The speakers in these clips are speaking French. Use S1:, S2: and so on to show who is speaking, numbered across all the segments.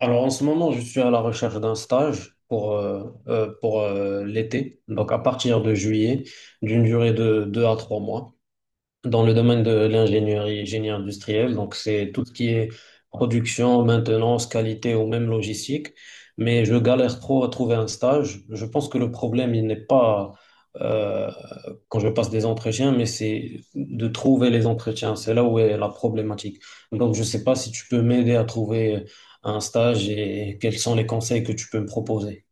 S1: Alors en ce moment, je suis à la recherche d'un stage pour l'été, donc à partir de juillet, d'une durée de 2 à 3 mois dans le domaine de l'ingénierie, génie industriel. Donc, c'est tout ce qui est production, maintenance, qualité ou même logistique. Mais je galère trop à trouver un stage. Je pense que le problème, il n'est pas euh, quand je passe des entretiens, mais c'est de trouver les entretiens. C'est là où est la problématique. Donc, je ne sais pas si tu peux m'aider à trouver un stage et quels sont les conseils que tu peux me proposer.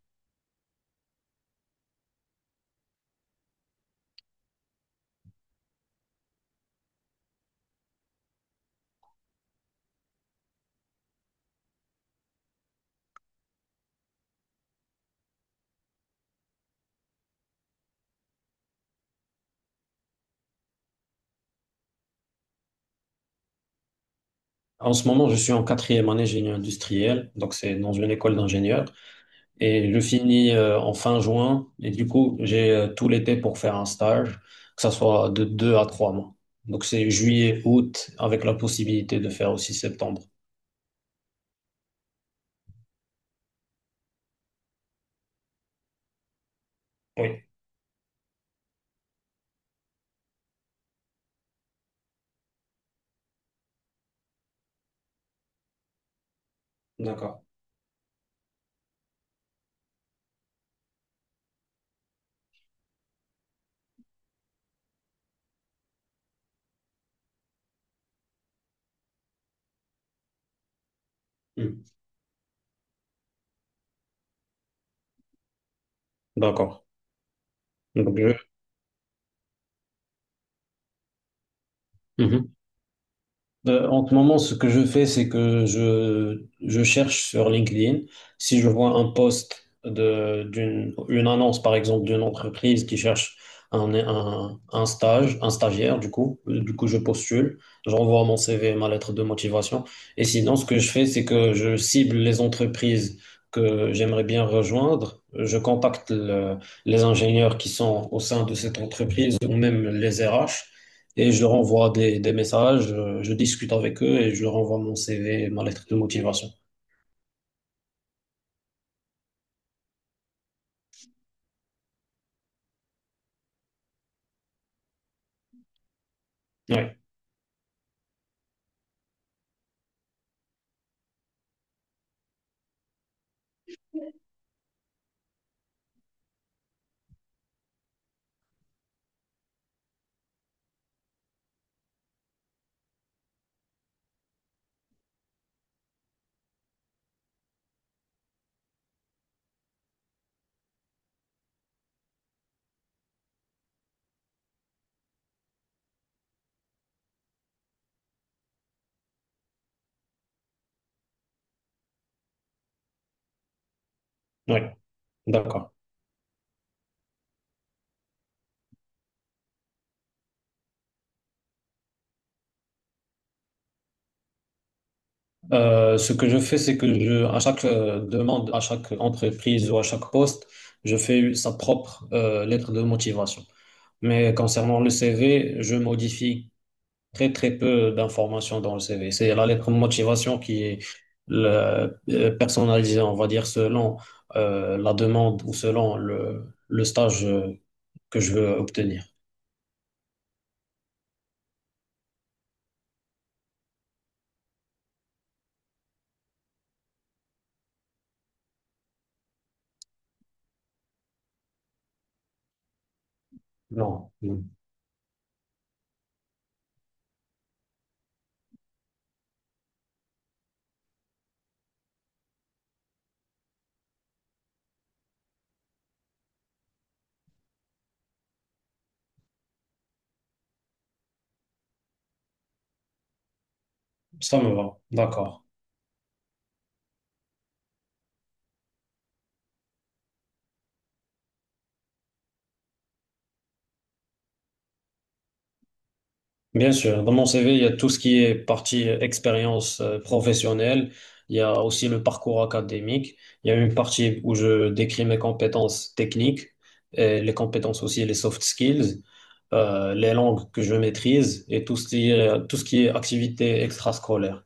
S1: En ce moment, je suis en 4e année génie industriel, donc c'est dans une école d'ingénieurs. Et je finis en fin juin. Et du coup, j'ai tout l'été pour faire un stage, que ça soit de 2 à 3 mois. Donc c'est juillet, août, avec la possibilité de faire aussi septembre. Oui, d'accord. Hmm. D'accord. Donc je- Mhm. En ce moment, ce que je fais, c'est que je cherche sur LinkedIn. Si je vois un post de, d'une, une annonce, par exemple, d'une entreprise qui cherche un un stage, un stagiaire, du coup, je postule, j'envoie mon CV et ma lettre de motivation. Et sinon, ce que je fais, c'est que je cible les entreprises que j'aimerais bien rejoindre. Je contacte les ingénieurs qui sont au sein de cette entreprise ou même les RH et je leur envoie des messages, je discute avec eux et je leur envoie mon CV et ma lettre de motivation. Oui, oui, d'accord. Ce que je fais, c'est que je, à chaque demande, à chaque entreprise ou à chaque poste, je fais sa propre lettre de motivation. Mais concernant le CV, je modifie très très peu d'informations dans le CV. C'est la lettre de motivation qui est personnalisée, on va dire, selon la demande ou selon le stage que je veux obtenir. Non, Mm. Ça me va, d'accord. Bien sûr, dans mon CV, il y a tout ce qui est partie expérience professionnelle, il y a aussi le parcours académique, il y a une partie où je décris mes compétences techniques, et les compétences aussi, les soft skills, les langues que je maîtrise et tout ce qui est, tout ce qui est activité extrascolaire.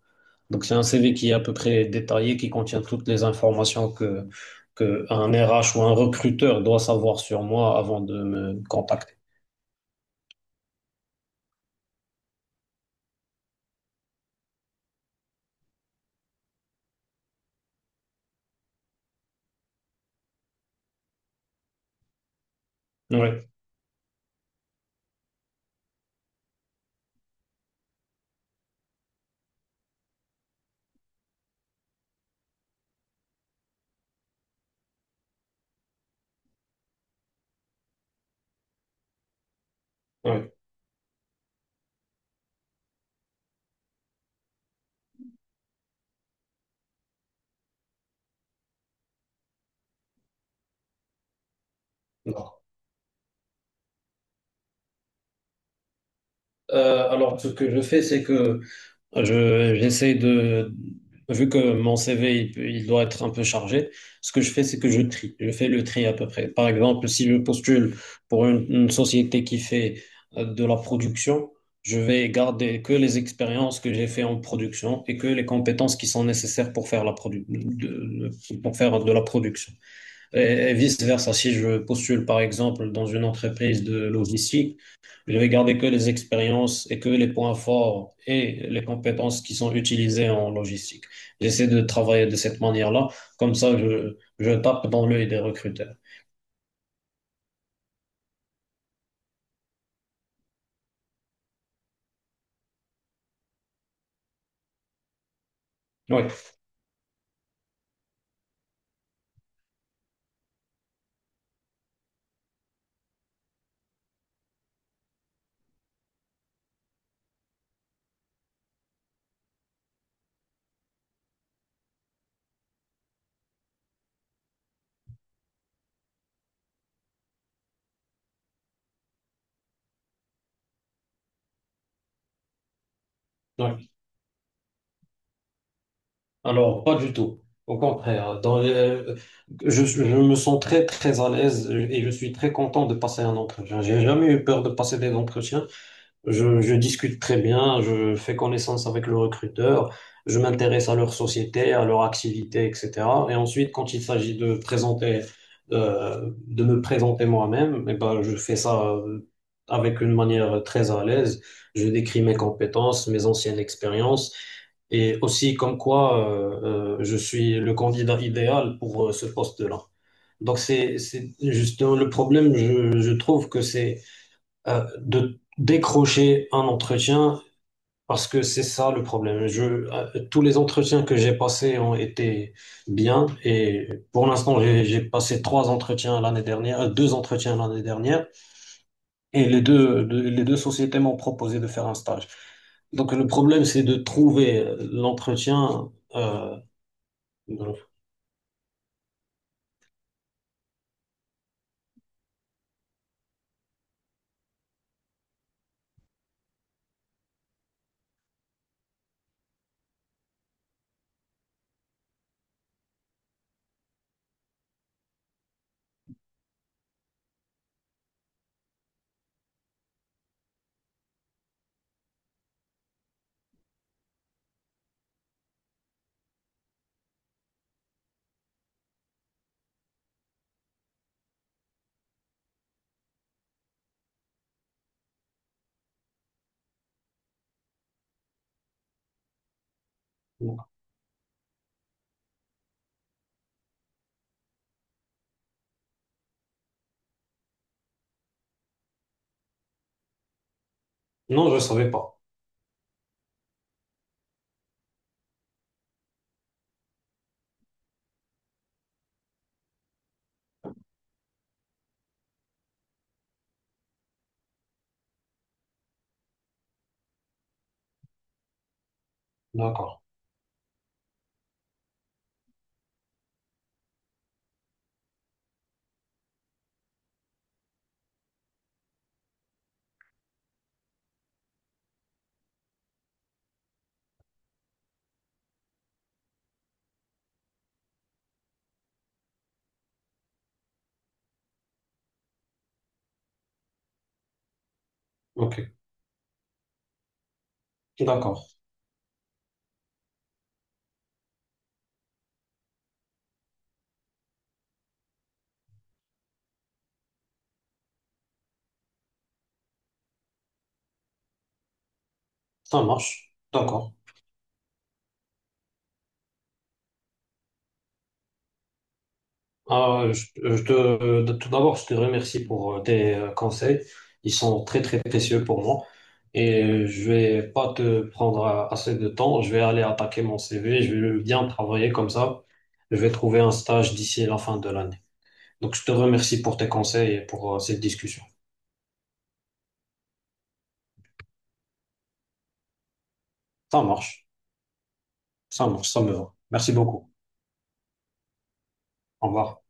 S1: Donc c'est un CV qui est à peu près détaillé, qui contient toutes les informations que un RH ou un recruteur doit savoir sur moi avant de me contacter. Ouais, ouais. Non. Alors, ce que je fais, c'est que j'essaie de, vu que mon CV, il, il doit être un peu chargé, ce que je fais, c'est que je trie. Je fais le tri à peu près. Par exemple, si je postule pour une société qui fait de la production, je vais garder que les expériences que j'ai fait en production et que les compétences qui sont nécessaires pour faire la produ- de- pour faire de la production. Et vice-versa, si je postule, par exemple, dans une entreprise de logistique, je vais garder que les expériences et que les points forts et les compétences qui sont utilisées en logistique. J'essaie de travailler de cette manière-là. Comme ça, je tape dans l'œil des recruteurs. Oui, oui. Alors, pas du tout. Au contraire, je me sens très, très à l'aise et je suis très content de passer un entretien. J'ai jamais eu peur de passer des entretiens. Je discute très bien, je fais connaissance avec le recruteur, je m'intéresse à leur société, à leur activité, etc. Et ensuite, quand il s'agit de présenter, de me présenter moi-même, eh ben, je fais ça avec une manière très à l'aise. Je décris mes compétences, mes anciennes expériences et aussi comme quoi je suis le candidat idéal pour ce poste-là. Donc c'est justement le problème, je trouve que c'est de décrocher un entretien parce que c'est ça le problème. Tous les entretiens que j'ai passés ont été bien et pour l'instant j'ai passé 3 entretiens l'année dernière, 2 entretiens l'année dernière et les deux sociétés m'ont proposé de faire un stage. Donc le problème c'est de trouver l'entretien. Non, je savais pas. D'accord. Ok. D'accord. Ça marche. D'accord. Ah, tout d'abord, je te remercie pour tes conseils. Ils sont très, très précieux pour moi. Et je vais pas te prendre assez de temps. Je vais aller attaquer mon CV. Je vais bien travailler comme ça. Je vais trouver un stage d'ici la fin de l'année. Donc, je te remercie pour tes conseils et pour cette discussion. Ça marche. Ça marche. Ça me va. Merci beaucoup. Au revoir.